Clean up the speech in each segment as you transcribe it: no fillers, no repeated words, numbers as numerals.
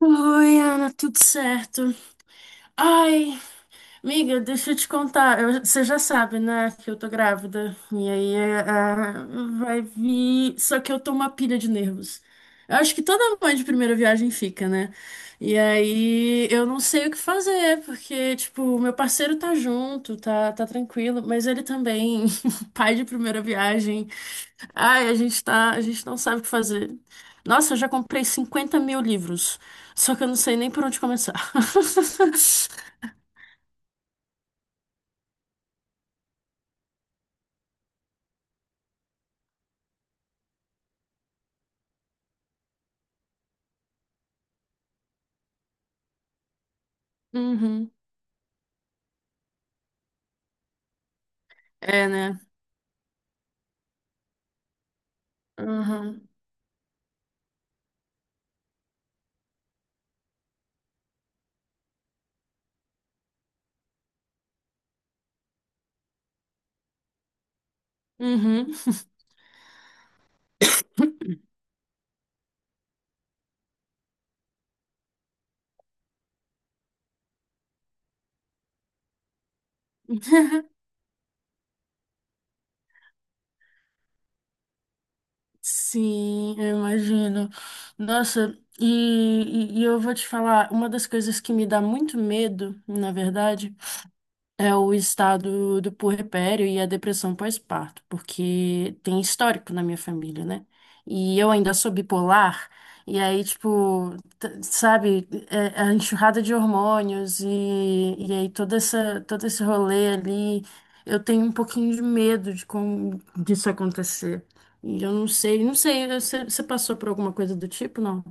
Oi, Ana, tudo certo? Ai, amiga, deixa eu te contar. Você já sabe, né, que eu tô grávida. E aí é, vai vir. Só que eu tô uma pilha de nervos. Eu acho que toda mãe de primeira viagem fica, né? E aí eu não sei o que fazer, porque, tipo, meu parceiro tá junto, tá tranquilo, mas ele também, pai de primeira viagem. Ai, a gente não sabe o que fazer. Nossa, eu já comprei 50 mil livros, só que eu não sei nem por onde começar. Uhum. É, né? Uhum. Uhum. Sim, eu imagino. Nossa, e eu vou te falar, uma das coisas que me dá muito medo, na verdade, é o estado do puerpério e a depressão pós-parto, porque tem histórico na minha família, né? E eu ainda sou bipolar, e aí, tipo, é a enxurrada de hormônios e aí todo esse rolê ali, eu tenho um pouquinho de medo de como disso acontecer. E eu não sei, você passou por alguma coisa do tipo, não?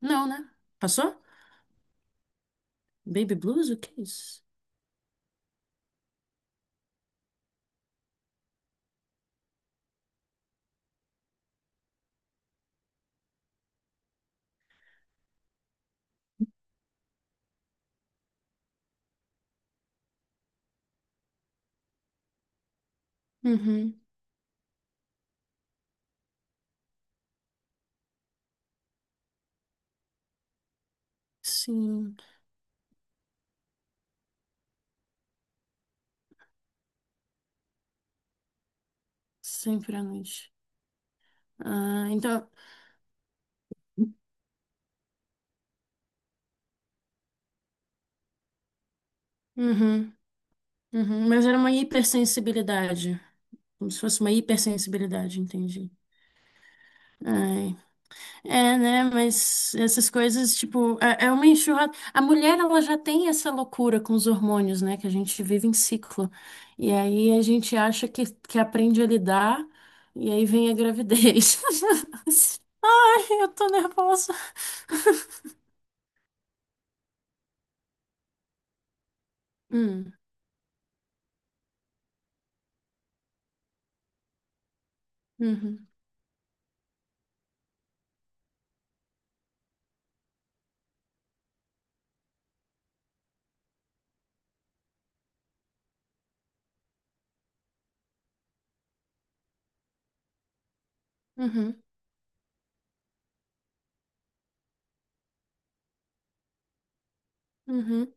Não, né? Passou? Baby blues? O que é isso? Uhum. Sim, sempre à noite. Ah, então. Uhum, uhum. Mas era uma hipersensibilidade. Como se fosse uma hipersensibilidade, entendi. Ai. É, né? Mas essas coisas, tipo, é uma enxurrada. A mulher, ela já tem essa loucura com os hormônios, né? Que a gente vive em ciclo. E aí a gente acha que aprende a lidar, e aí vem a gravidez. Ai, eu tô nervosa. Hum, uhum, uhum, uhum,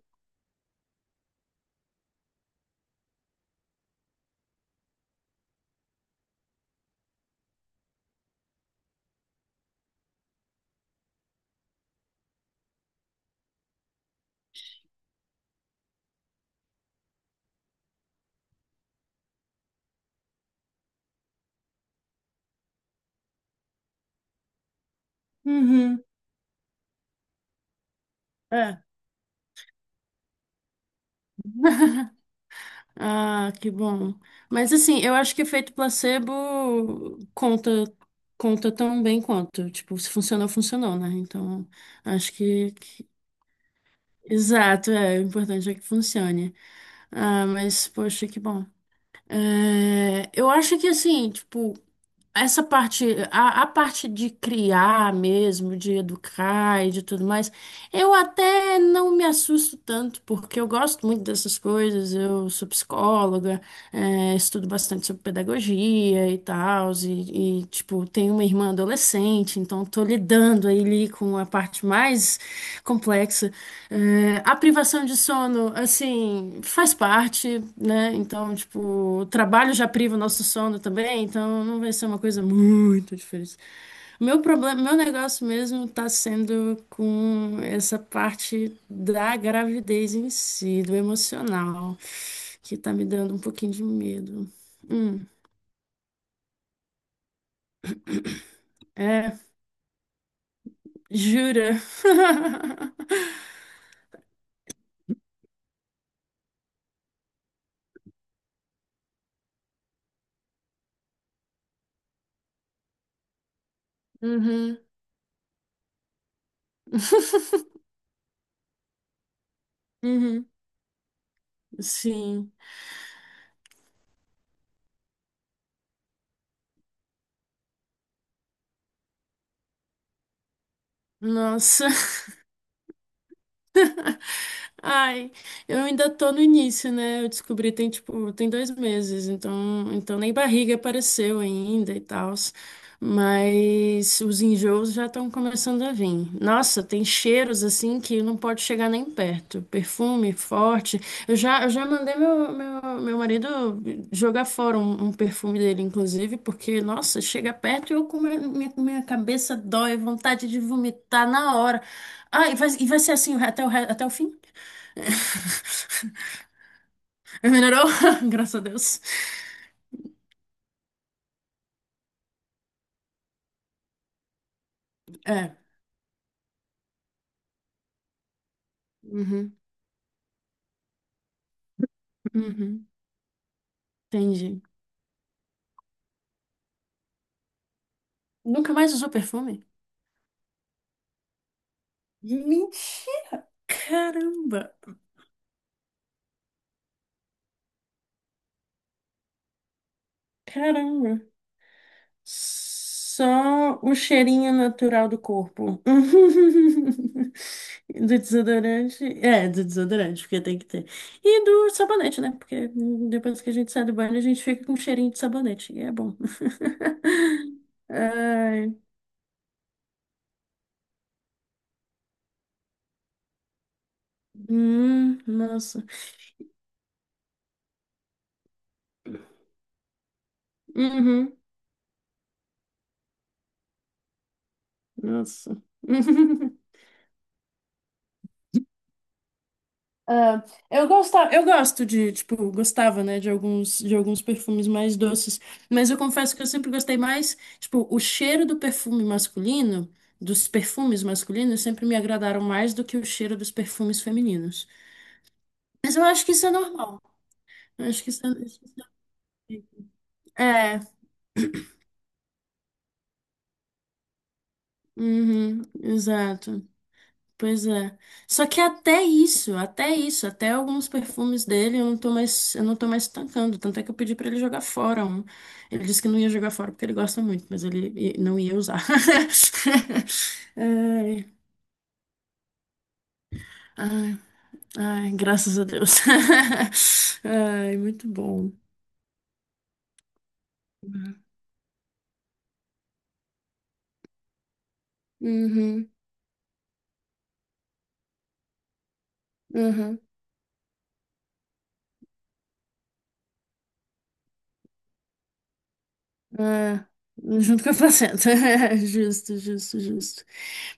uhum. É. Ah, que bom. Mas assim, eu acho que efeito placebo conta tão bem quanto. Tipo, se funcionou, funcionou, né? Então, acho que, que- exato, é, o importante é que funcione. Ah, mas, poxa, que bom. É, eu acho que assim, tipo, essa parte, a parte de criar mesmo, de educar e de tudo mais, eu até não me assusto tanto, porque eu gosto muito dessas coisas, eu sou psicóloga. É, estudo bastante sobre pedagogia e tal, tipo, tenho uma irmã adolescente, então tô lidando aí ali com a parte mais complexa. É, a privação de sono, assim, faz parte, né? Então, tipo, o trabalho já priva o nosso sono também, então não vai ser uma coisa muito diferente. Meu negócio mesmo tá sendo com essa parte da gravidez em si, do emocional que tá me dando um pouquinho de medo. Hum, é, jura? Uhum. Uhum, sim. Nossa. Ai, eu ainda tô no início, né? Eu descobri tem tem 2 meses, então nem barriga apareceu ainda e tal. Mas os enjoos já estão começando a vir. Nossa, tem cheiros assim que não pode chegar nem perto. Perfume forte. Eu já mandei meu marido jogar fora um perfume dele, inclusive, porque, nossa, chega perto e eu com minha cabeça dói, vontade de vomitar na hora. Ah, e vai ser assim até até o fim? Melhorou? Graças a Deus. É. Uhum, uhum, entendi. Nunca mais usou perfume? Mentira! Caramba! Caramba! Só o cheirinho natural do corpo. Do desodorante. É, do desodorante, porque tem que ter. E do sabonete, né? Porque depois que a gente sai do banho, a gente fica com cheirinho de sabonete. E é bom. Ai, nossa. Uhum. Nossa. Ah, eu gosto de, de de alguns perfumes mais doces, mas eu confesso que eu sempre gostei mais, tipo, o cheiro do perfume masculino, dos perfumes masculinos sempre me agradaram mais do que o cheiro dos perfumes femininos. Mas eu acho que isso é normal. Eu acho que isso é... ok. É, uhum, exato. Pois é. Só que até alguns perfumes dele eu não tô mais tancando. Tanto é que eu pedi pra ele jogar fora um. Ele disse que não ia jogar fora porque ele gosta muito, mas não ia usar. Ai, ai, ai, graças a Deus. Ai, muito bom. Uhum, uhum. É, junto com a placenta. Justo, justo, justo.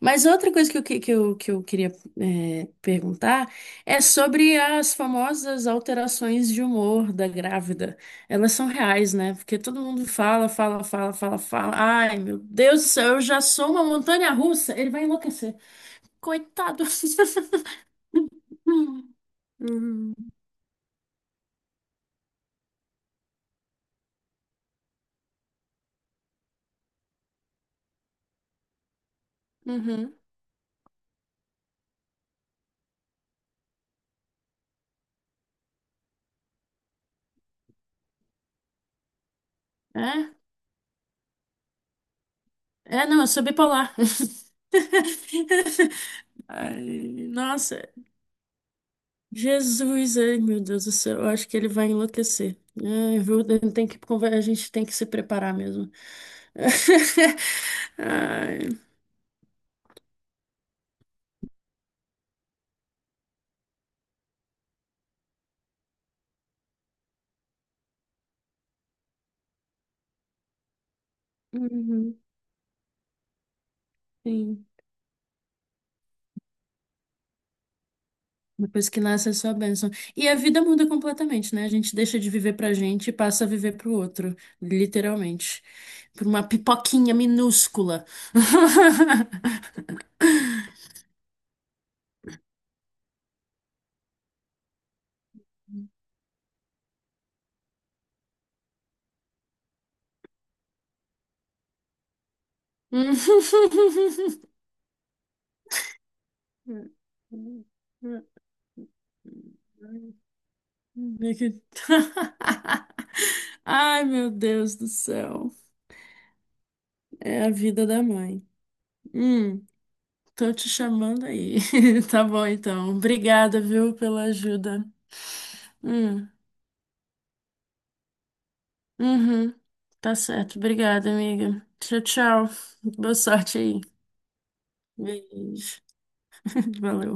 Mas outra coisa que eu queria perguntar é sobre as famosas alterações de humor da grávida. Elas são reais, né? Porque todo mundo fala, fala, fala, fala, fala. Ai, meu Deus do céu, eu já sou uma montanha russa. Ele vai enlouquecer. Coitado. Uhum. Uhum. É? É, não, eu sou bipolar. Ai, nossa. Jesus, ai meu Deus do céu, eu acho que ele vai enlouquecer. Ai, viu? Ele Tem que, conver- A gente tem que se preparar mesmo. Ai, uhum, sim. Depois que nasce é só bênção. E a vida muda completamente, né? A gente deixa de viver pra gente e passa a viver pro outro, literalmente. Por uma pipoquinha minúscula. Meio que- Ai, meu Deus do céu. É a vida da mãe. Hum, tô te chamando aí. Tá bom, então. Obrigada, viu, pela ajuda. Hum, uhum. Tá certo. Obrigada, amiga. Tchau, tchau. Boa sorte aí. Beijo. Valeu.